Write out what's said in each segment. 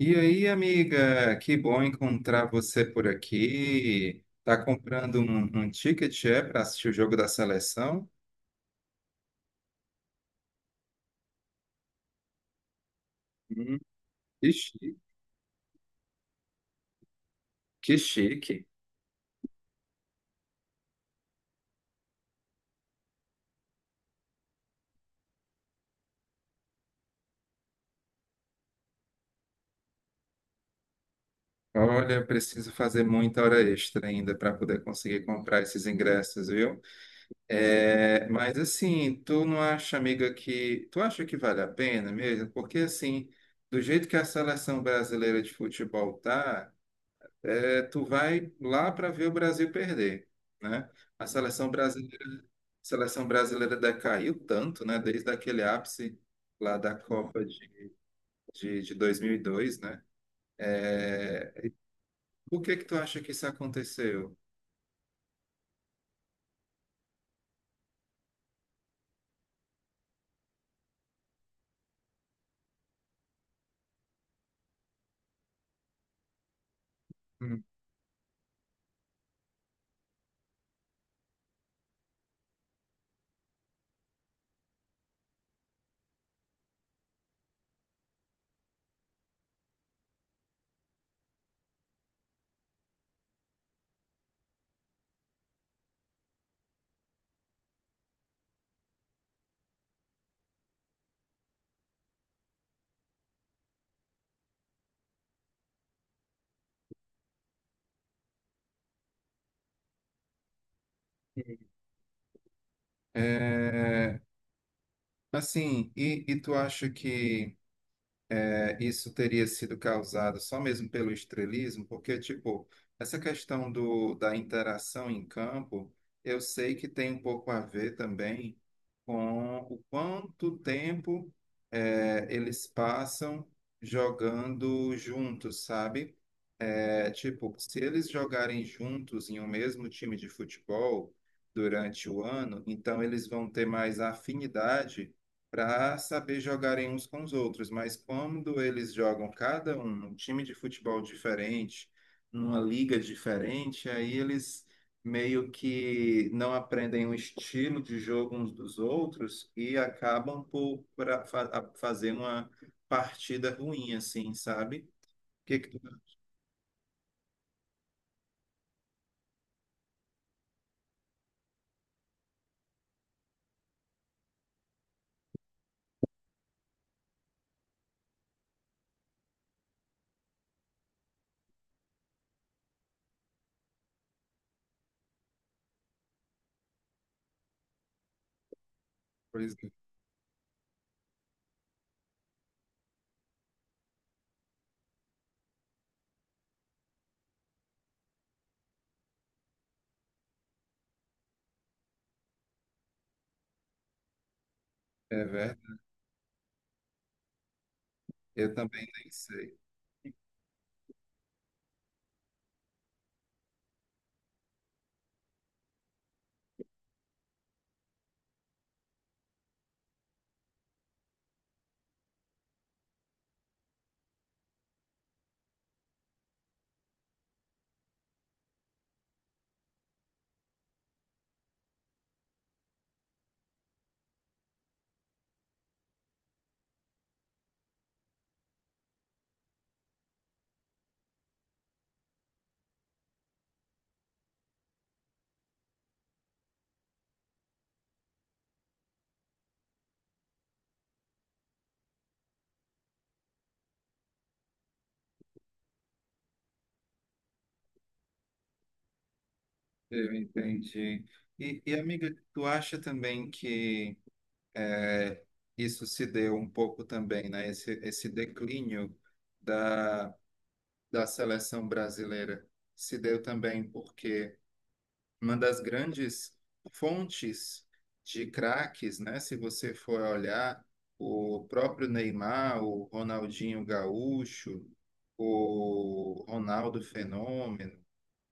E aí, amiga, que bom encontrar você por aqui. Tá comprando um ticket, para assistir o jogo da seleção? Hum, que chique. Que chique. Olha, eu preciso fazer muita hora extra ainda para poder conseguir comprar esses ingressos, viu? É, mas assim, tu não acha, amiga, que tu acha que vale a pena mesmo? Porque assim, do jeito que a seleção brasileira de futebol tá tu vai lá para ver o Brasil perder, né? A seleção brasileira decaiu tanto, né? Desde aquele ápice lá da Copa de 2002, né? É, por que que tu acha que isso aconteceu? Hum. É, assim, e tu acha que isso teria sido causado só mesmo pelo estrelismo, porque, tipo, essa questão do, da interação em campo, eu sei que tem um pouco a ver também com o quanto tempo eles passam jogando juntos, sabe? É tipo, se eles jogarem juntos em um mesmo time de futebol durante o ano, então eles vão ter mais afinidade para saber jogarem uns com os outros. Mas quando eles jogam cada um num time de futebol diferente, numa liga diferente, aí eles meio que não aprendem o estilo de jogo uns dos outros e acabam por pra, fa- a- fazer uma partida ruim, assim, sabe? O que que tu... Pois é. É verdade. Eu também nem sei. Eu entendi. Amiga, tu acha também que é, isso se deu um pouco também, né? Esse declínio da, da seleção brasileira se deu também porque uma das grandes fontes de craques, né? Se você for olhar, o próprio Neymar, o Ronaldinho Gaúcho, o Ronaldo Fenômeno,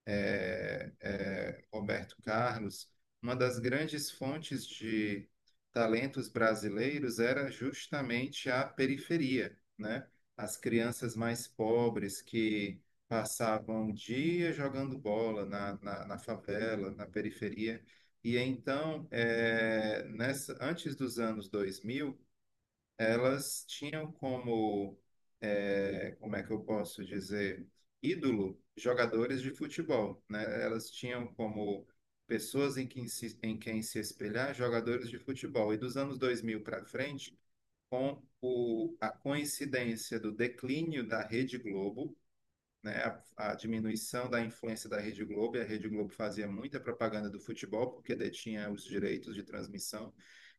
Roberto Carlos, uma das grandes fontes de talentos brasileiros era justamente a periferia, né? As crianças mais pobres que passavam o dia jogando bola na favela, na periferia. E então, antes dos anos 2000 elas tinham como, como é que eu posso dizer, ídolo jogadores de futebol, né? Elas tinham como pessoas em quem se espelhar jogadores de futebol. E dos anos 2000 para frente, a coincidência do declínio da Rede Globo, né, a diminuição da influência da Rede Globo, e a Rede Globo fazia muita propaganda do futebol, porque detinha os direitos de transmissão,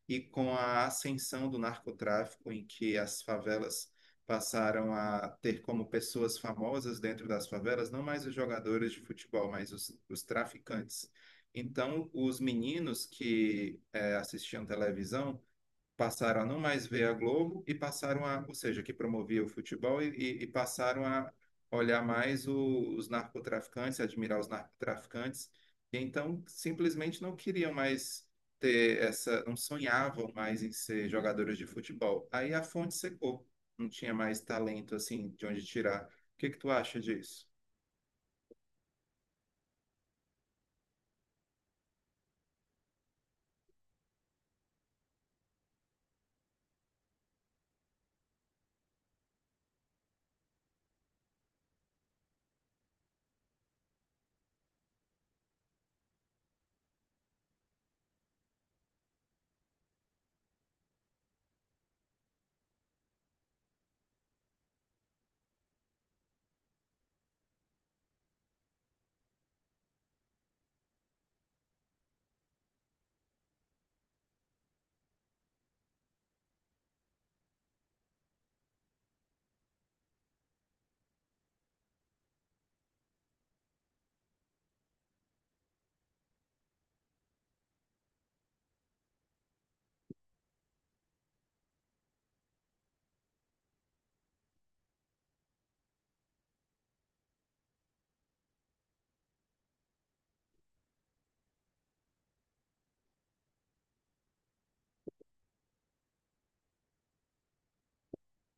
e com a ascensão do narcotráfico, em que as favelas passaram a ter como pessoas famosas dentro das favelas, não mais os jogadores de futebol, mas os traficantes. Então, os meninos que assistiam televisão passaram a não mais ver a Globo e passaram a, ou seja, que promovia o futebol e passaram a olhar os narcotraficantes, admirar os narcotraficantes, e então simplesmente não queriam mais ter essa, não sonhavam mais em ser jogadores de futebol. Aí a fonte secou, não tinha mais talento assim de onde tirar. O que que tu acha disso?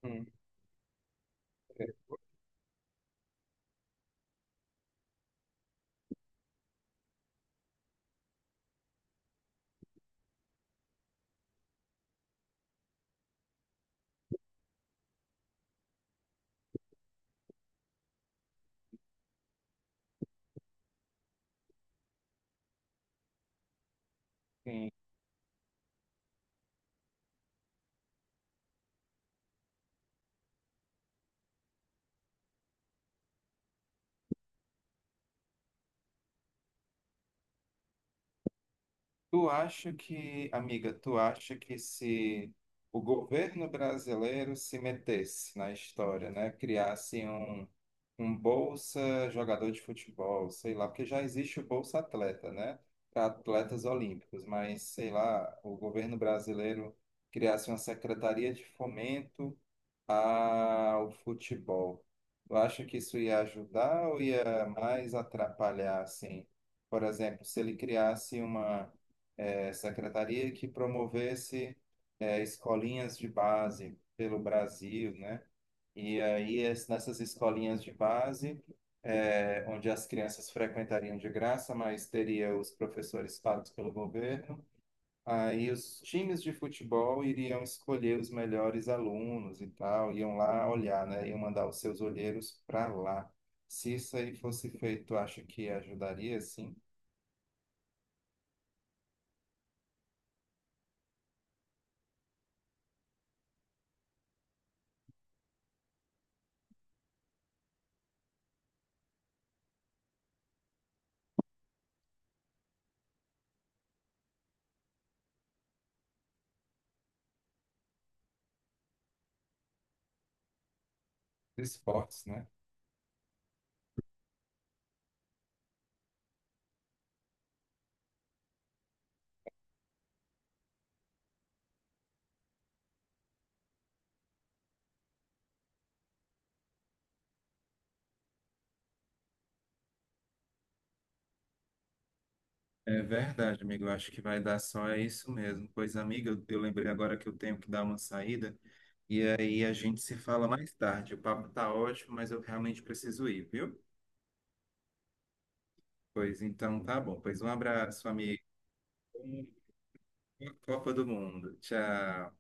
Hum, sim. Tu acha que, amiga, tu acha que se o governo brasileiro se metesse na história, né, criasse um, um Bolsa jogador de futebol, sei lá, porque já existe o Bolsa Atleta, né, para atletas olímpicos, mas sei lá, o governo brasileiro criasse uma secretaria de fomento ao futebol. Tu acha que isso ia ajudar ou ia mais atrapalhar, assim? Por exemplo, se ele criasse uma secretaria que promovesse escolinhas de base pelo Brasil, né? E aí, nessas escolinhas de base, onde as crianças frequentariam de graça, mas teria os professores pagos pelo governo, aí os times de futebol iriam escolher os melhores alunos e tal, iam lá olhar, né? Iam mandar os seus olheiros para lá. Se isso aí fosse feito, acho que ajudaria, sim, os esportes, né? É verdade, amigo. Eu acho que vai dar só é isso mesmo. Pois, amiga, eu lembrei agora que eu tenho que dar uma saída. E aí a gente se fala mais tarde. O papo tá ótimo, mas eu realmente preciso ir, viu? Pois então tá bom. Pois um abraço, amigo. Boa Copa do Mundo. Tchau.